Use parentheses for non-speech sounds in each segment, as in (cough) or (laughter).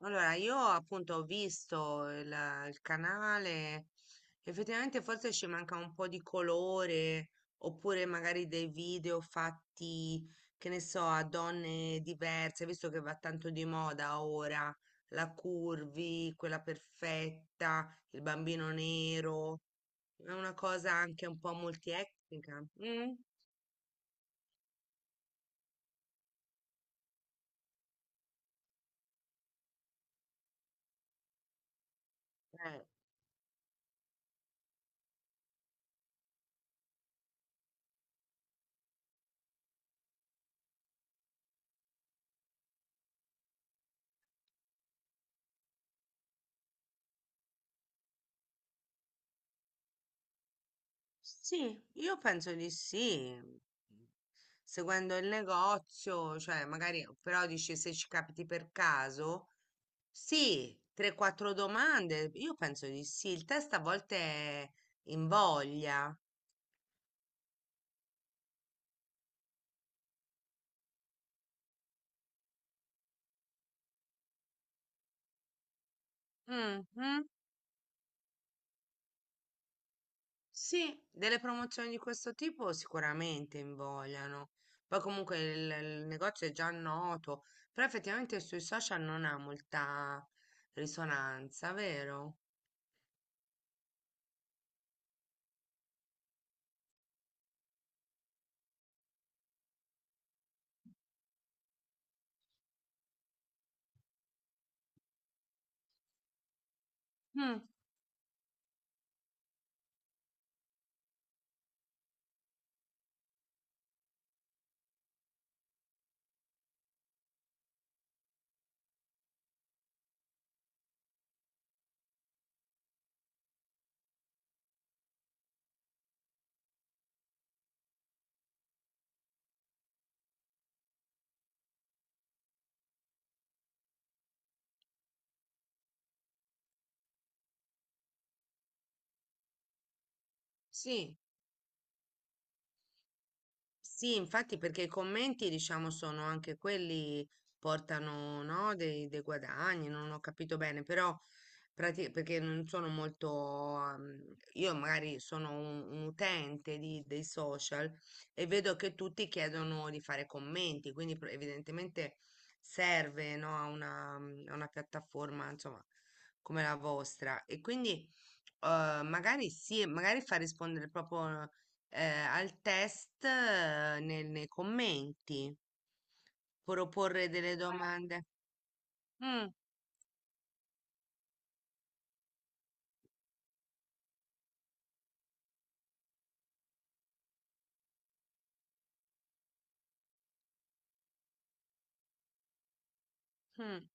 Allora, io appunto ho visto il canale, effettivamente forse ci manca un po' di colore, oppure magari dei video fatti, che ne so, a donne diverse, visto che va tanto di moda ora, la curvy, quella perfetta, il bambino nero, è una cosa anche un po' multietnica. Mm? Eh. Sì, io penso di sì. Mhmm, Seguendo il negozio, cioè magari, però dici se ci capiti per caso, sì, 3-4 domande, io penso di sì. Il test a volte è invoglia. Mhm. Sì, delle promozioni di questo tipo sicuramente invogliano. Poi comunque il negozio è già noto, però effettivamente sui social non ha molta risonanza, vero? Mm, sì. Sì, infatti perché i commenti, diciamo, sono anche quelli portano, no, dei guadagni, non ho capito bene, però perché non sono molto, io magari sono un utente dei social e vedo che tutti chiedono di fare commenti, quindi evidentemente serve, no, a una piattaforma, insomma, come la vostra. E quindi magari sì, magari fa rispondere proprio al test nei commenti, proporre delle domande. Mm, mm.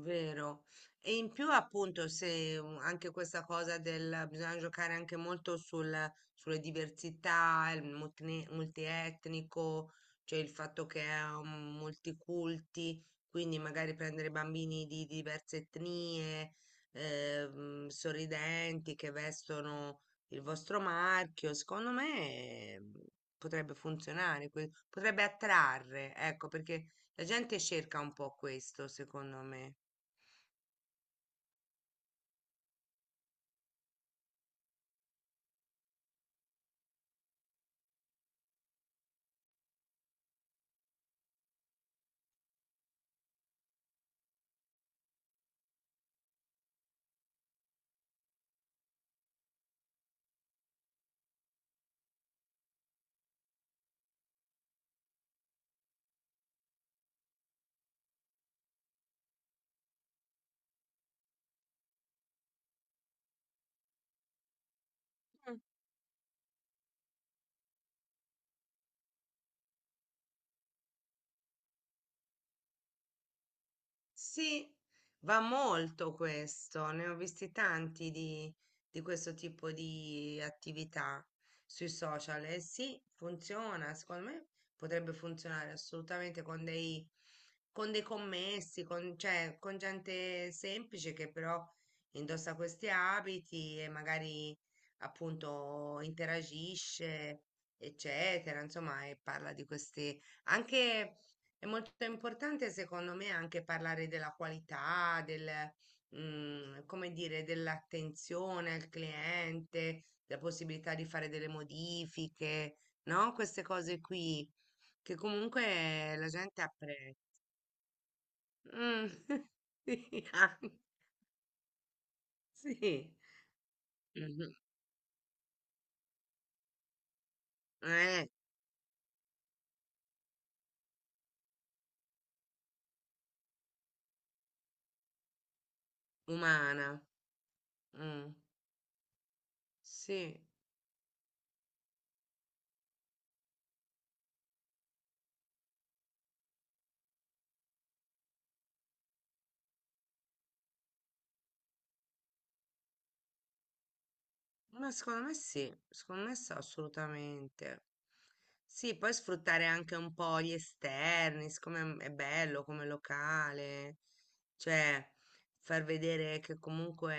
Vero. E in più appunto se anche questa cosa del bisogna giocare anche molto sulle diversità, il multietnico, cioè il fatto che è multiculti, quindi magari prendere bambini di diverse etnie, sorridenti che vestono il vostro marchio, secondo me eh, potrebbe funzionare, potrebbe attrarre, ecco, perché la gente cerca un po' questo, secondo me. Sì, va molto questo, ne ho visti tanti di questo tipo di attività sui social e sì, funziona, secondo me potrebbe funzionare assolutamente con dei commessi, con, cioè, con gente semplice che però indossa questi abiti e magari appunto interagisce, eccetera, insomma, e parla di queste anche è molto importante secondo me anche parlare della qualità, del, come dire, dell'attenzione al cliente, della possibilità di fare delle modifiche, no? Queste cose qui che comunque la gente apprezza. Mm, (laughs) sì, ah, sì. Mhm. Eh, umana. Mm, sì. Ma secondo me sì, assolutamente. Sì, poi sfruttare anche un po' gli esterni, siccome è bello come locale, cioè far vedere che comunque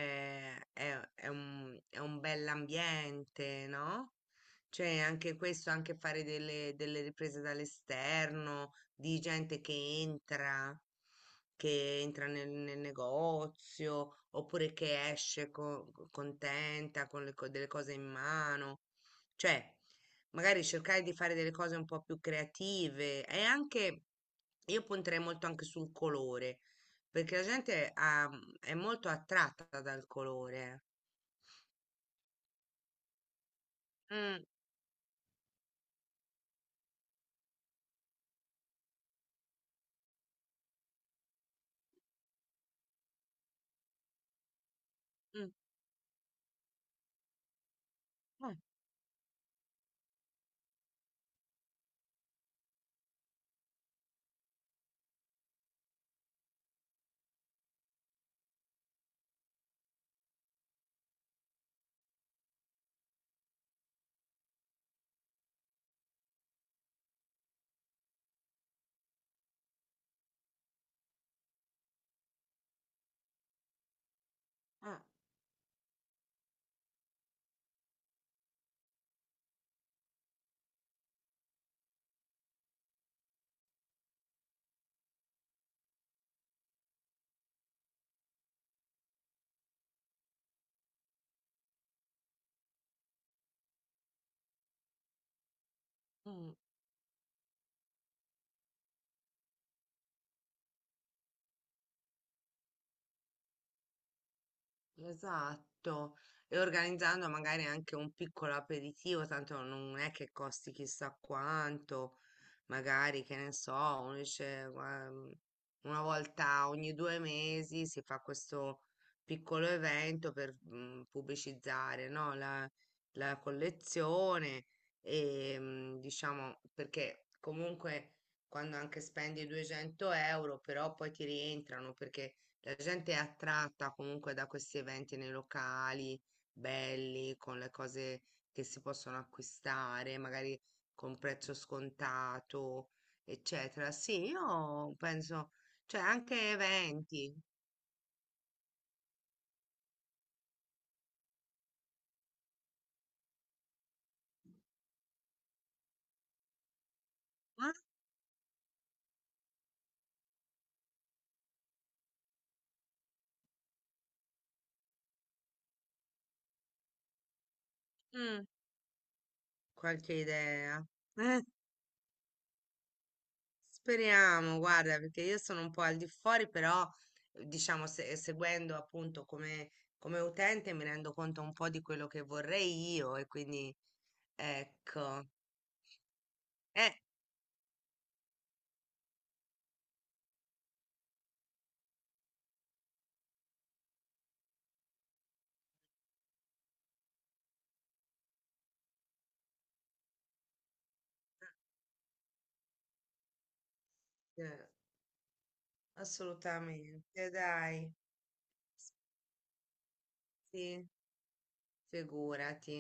è un bell'ambiente, no? Cioè anche questo, anche fare delle riprese dall'esterno, di gente che entra nel negozio oppure che esce contenta con delle cose in mano. Cioè, magari cercare di fare delle cose un po' più creative e anche io punterei molto anche sul colore, perché è molto attratta dal colore. Eh. Mm, mm, eh, eh, mm. Esatto, e organizzando magari anche un piccolo aperitivo, tanto non è che costi chissà quanto, magari che ne so, uno dice, una volta ogni due mesi si fa questo piccolo evento per pubblicizzare, no, la collezione e diciamo perché comunque quando anche spendi 200 euro però poi ti rientrano perché la gente è attratta comunque da questi eventi nei locali belli, con le cose che si possono acquistare, magari con prezzo scontato, eccetera. Sì, io penso, cioè anche eventi. Eh? Mm, qualche idea. Eh, speriamo, guarda, perché io sono un po' al di fuori, però diciamo, seguendo appunto come, come utente mi rendo conto un po' di quello che vorrei io e quindi... Ecco, Eh, eh, assolutamente, dai, sì, figurati.